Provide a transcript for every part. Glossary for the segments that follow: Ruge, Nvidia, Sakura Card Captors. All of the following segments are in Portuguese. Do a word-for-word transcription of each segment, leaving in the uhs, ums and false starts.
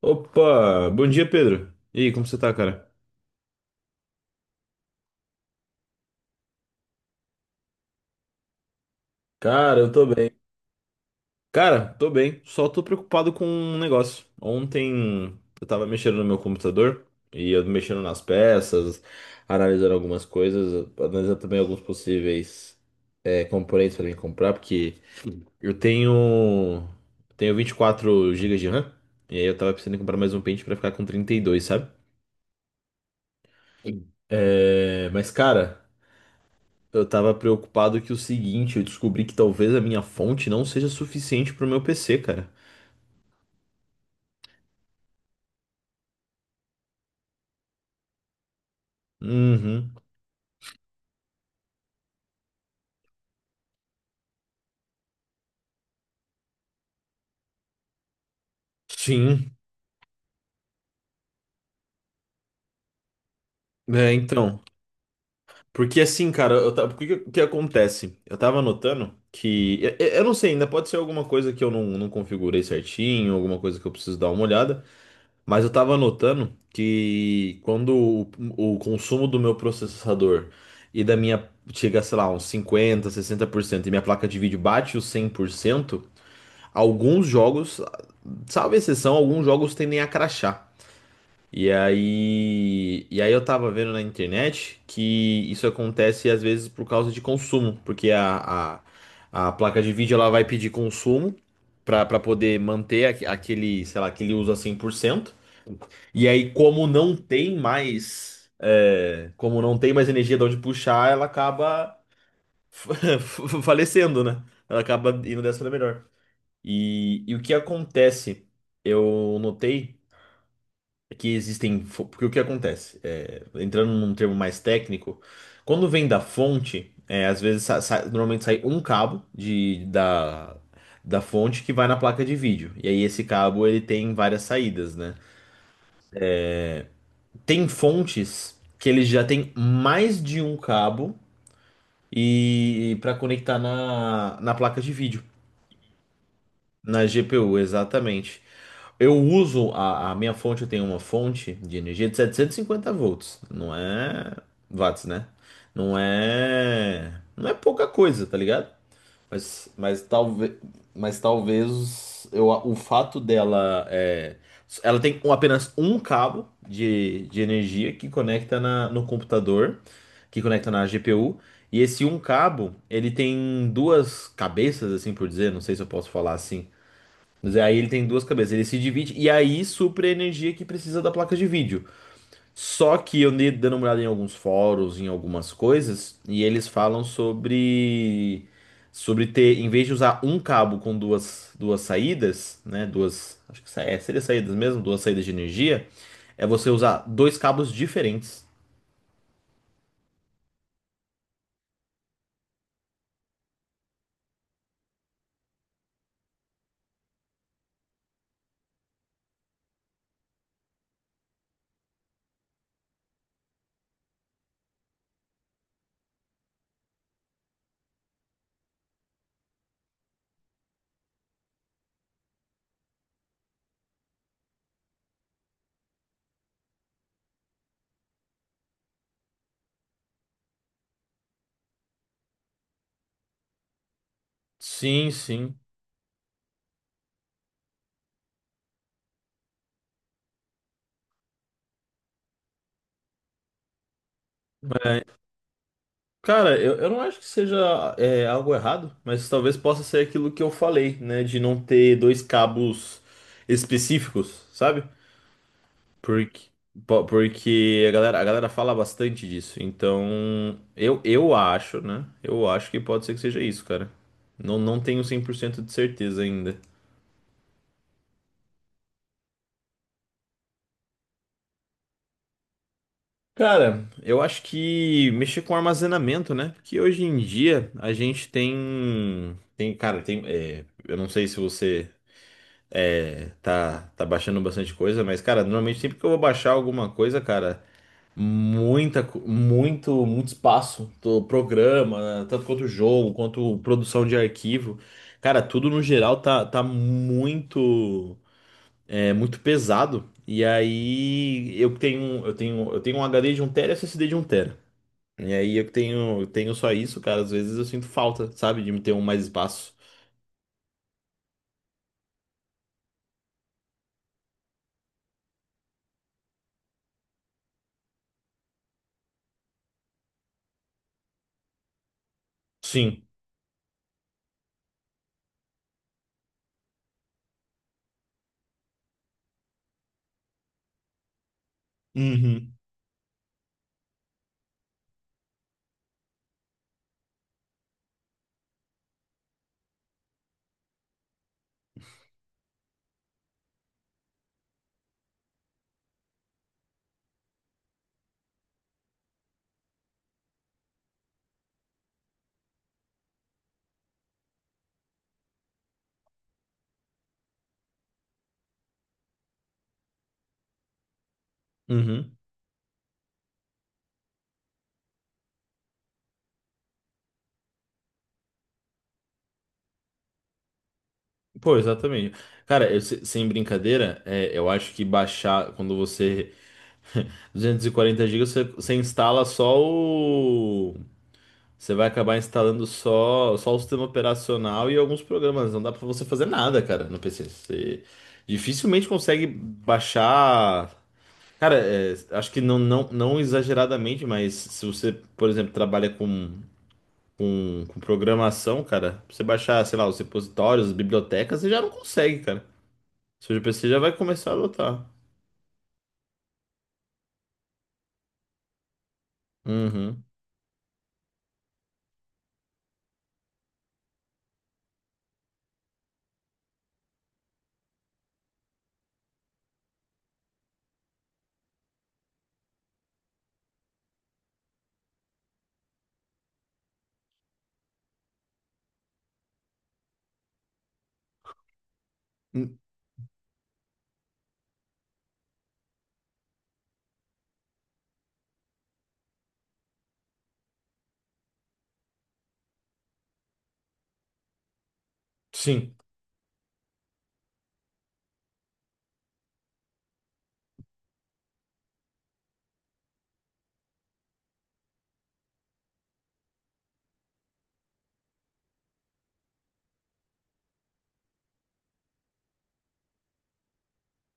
Opa, bom dia, Pedro. E aí, como você tá, cara? Cara, eu tô bem. Cara, tô bem, só tô preocupado com um negócio. Ontem eu tava mexendo no meu computador e eu mexendo nas peças, analisando algumas coisas, analisando também alguns possíveis é, componentes pra mim comprar, porque eu tenho tenho vinte e quatro gigas de RAM. E aí eu tava precisando comprar mais um pente pra ficar com trinta e dois, sabe? É, mas, cara, eu tava preocupado que o seguinte: eu descobri que talvez a minha fonte não seja suficiente pro meu P C, cara. Uhum. Sim. É, então. Porque assim, cara, eu tava, porque que, que acontece? Eu tava notando que, eu, eu não sei, ainda pode ser alguma coisa que eu não, não configurei certinho, alguma coisa que eu preciso dar uma olhada. Mas eu tava notando que quando o, o consumo do meu processador e da minha chega, sei lá, uns cinquenta, sessenta por cento, e minha placa de vídeo bate os cem por cento. Alguns jogos, salvo exceção, alguns jogos tendem a crachar. E aí, e aí eu tava vendo na internet que isso acontece às vezes por causa de consumo, porque a, a, a placa de vídeo ela vai pedir consumo pra pra poder manter aque- aquele, sei lá, aquele uso a cem por cento. E aí, como não tem mais, é, como não tem mais energia de onde puxar, ela acaba falecendo, né? Ela acaba indo dessa da melhor. E, e o que acontece, eu notei que existem. fo- Porque o que acontece? É, entrando num termo mais técnico, quando vem da fonte, é, às vezes sa- sa- normalmente sai um cabo de, da, da fonte que vai na placa de vídeo. E aí esse cabo ele tem várias saídas, né? Tem fontes que eles já têm mais de um cabo e para conectar na, na placa de vídeo, na G P U, exatamente. Eu uso a, a minha fonte, eu tenho uma fonte de energia de setecentos e cinquenta volts. Não é watts, né? Não é, não é pouca coisa, tá ligado? Mas, mas talvez, mas talvez eu, o fato dela é, ela tem um- apenas um cabo de, de energia que conecta na, no computador, que conecta na G P U. E esse um cabo, ele tem duas cabeças, assim por dizer, não sei se eu posso falar assim. Mas aí ele tem duas cabeças, ele se divide e aí supre a energia que precisa da placa de vídeo. Só que eu andei dando uma olhada em alguns fóruns, em algumas coisas, e eles falam sobre sobre ter, em vez de usar um cabo com duas duas saídas, né, duas, acho que sa- é, seria saídas mesmo, duas saídas de energia, é você usar dois cabos diferentes. Sim, sim. Cara, eu, eu não acho que seja é, algo errado, mas talvez possa ser aquilo que eu falei, né? De não ter dois cabos específicos, sabe? Porque, po- porque a galera, a galera fala bastante disso. Então, eu, eu acho, né? Eu acho que pode ser que seja isso, cara. Não, não tenho cem por cento de certeza ainda. Cara, eu acho que mexer com armazenamento, né? Porque hoje em dia a gente tem. Tem, cara, tem. É, eu não sei se você. É, tá, tá baixando bastante coisa, mas, cara, normalmente sempre que eu vou baixar alguma coisa, cara, muita, co- muito, muito espaço do programa, tanto quanto jogo, quanto produção de arquivo. Cara, tudo no geral tá, tá muito, é, muito pesado. E aí eu tenho, eu tenho, eu tenho um H D de um tera e S S D de um tera. E aí eu que tenho, eu tenho só isso, cara, às vezes eu sinto falta, sabe, de me ter um mais espaço. Sim. Uhum. Uhum. Pô, exatamente. Cara, eu se- sem brincadeira, é, eu acho que baixar quando você duzentos e quarenta gigas você, você instala só o. Você vai acabar instalando só, só o sistema operacional e alguns programas. Não dá pra você fazer nada, cara, no P C. Você dificilmente consegue baixar. Cara, é, acho que não, não, não exageradamente, mas se você, por exemplo, trabalha com, com, com programação, cara, pra você baixar, sei lá, os repositórios, as bibliotecas, você já não consegue, cara. Seu G P C já vai começar a adotar. Uhum. Hum. Sim,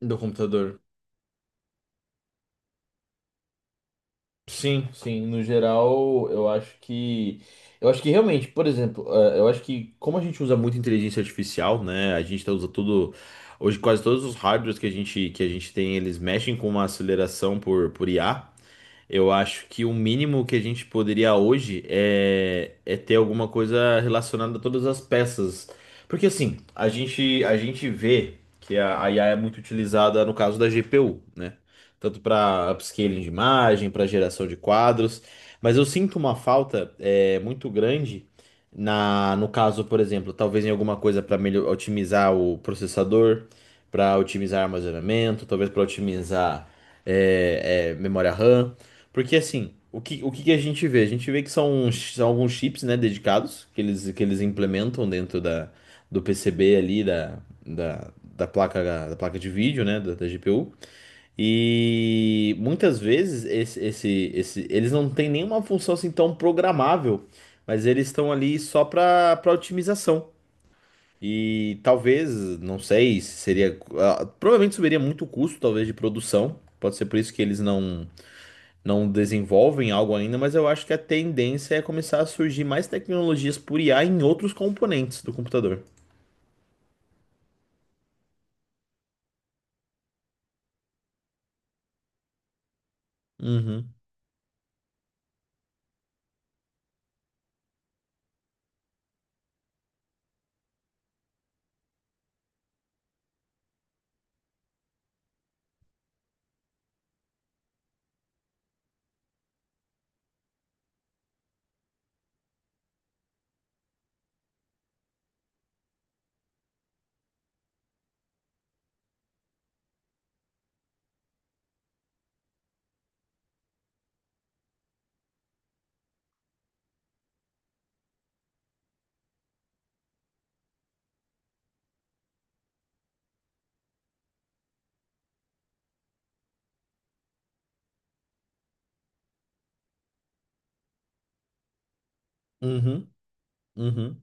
do computador. Sim, sim. No geral, eu acho que. Eu acho que realmente, por exemplo, eh, eu acho que como a gente usa muito inteligência artificial, né? A gente tá- usa tudo. Hoje quase todos os hardwares que a gente, que a gente tem, eles mexem com uma aceleração por, por I A. Eu acho que o mínimo que a gente poderia hoje é, é ter alguma coisa relacionada a todas as peças. Porque assim, a gente, a gente vê que a, a I A é muito utilizada no caso da G P U, né? Tanto para upscaling de imagem, para geração de quadros. Mas eu sinto uma falta é, muito grande na, no caso, por exemplo, talvez em alguma coisa para otimizar o processador, para otimizar armazenamento, talvez para otimizar é, é, memória RAM. Porque assim, o que, o que que a gente vê? A gente vê que são, uns são alguns chips, né, dedicados que eles, que eles implementam dentro da, do P C B ali, da, da, da placa, da placa de vídeo, né, da, da G P U. E muitas vezes esse, esse, esse, eles não têm nenhuma função assim tão programável, mas eles estão ali só para para otimização. E talvez, não sei, se seria. Ah, provavelmente subiria muito o custo, talvez, de produção. Pode ser por isso que eles não não desenvolvem algo ainda, mas eu acho que a tendência é começar a surgir mais tecnologias por I A em outros componentes do computador. Uhum, uhum, uhum.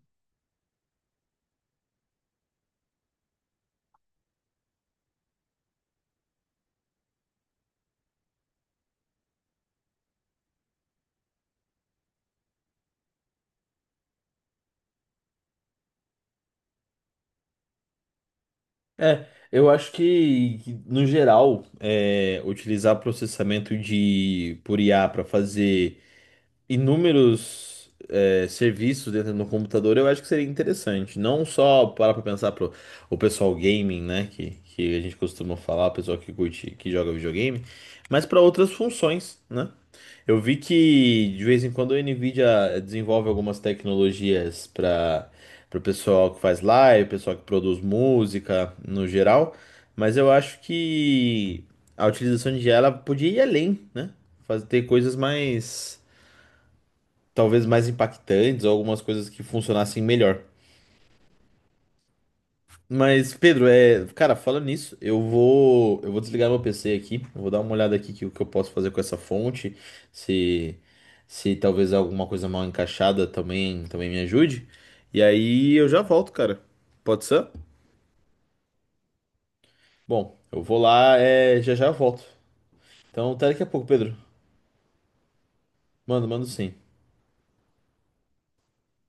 É, eu acho que, que, no geral, é, utilizar processamento de por I A para fazer inúmeros é, serviços dentro do computador, eu acho que seria interessante. Não só para pra pensar pro o pessoal gaming, né? Que, que a gente costuma falar, o pessoal que curte, que joga videogame, mas para outras funções, né? Eu vi que de vez em quando a Nvidia desenvolve algumas tecnologias para para o pessoal que faz live, pessoal que produz música no geral, mas eu acho que a utilização de I A ela podia ir além, né? Fazer ter coisas mais talvez mais impactantes ou algumas coisas que funcionassem melhor. Mas, Pedro, é, cara, falando nisso, eu vou, eu vou desligar meu P C aqui, eu vou dar uma olhada aqui que o que eu posso fazer com essa fonte, se se talvez alguma coisa mal encaixada também também me ajude. E aí eu já volto, cara. Pode ser? Bom, eu vou lá, é, já já eu volto. Então, até daqui a pouco, Pedro. Mano, mando sim.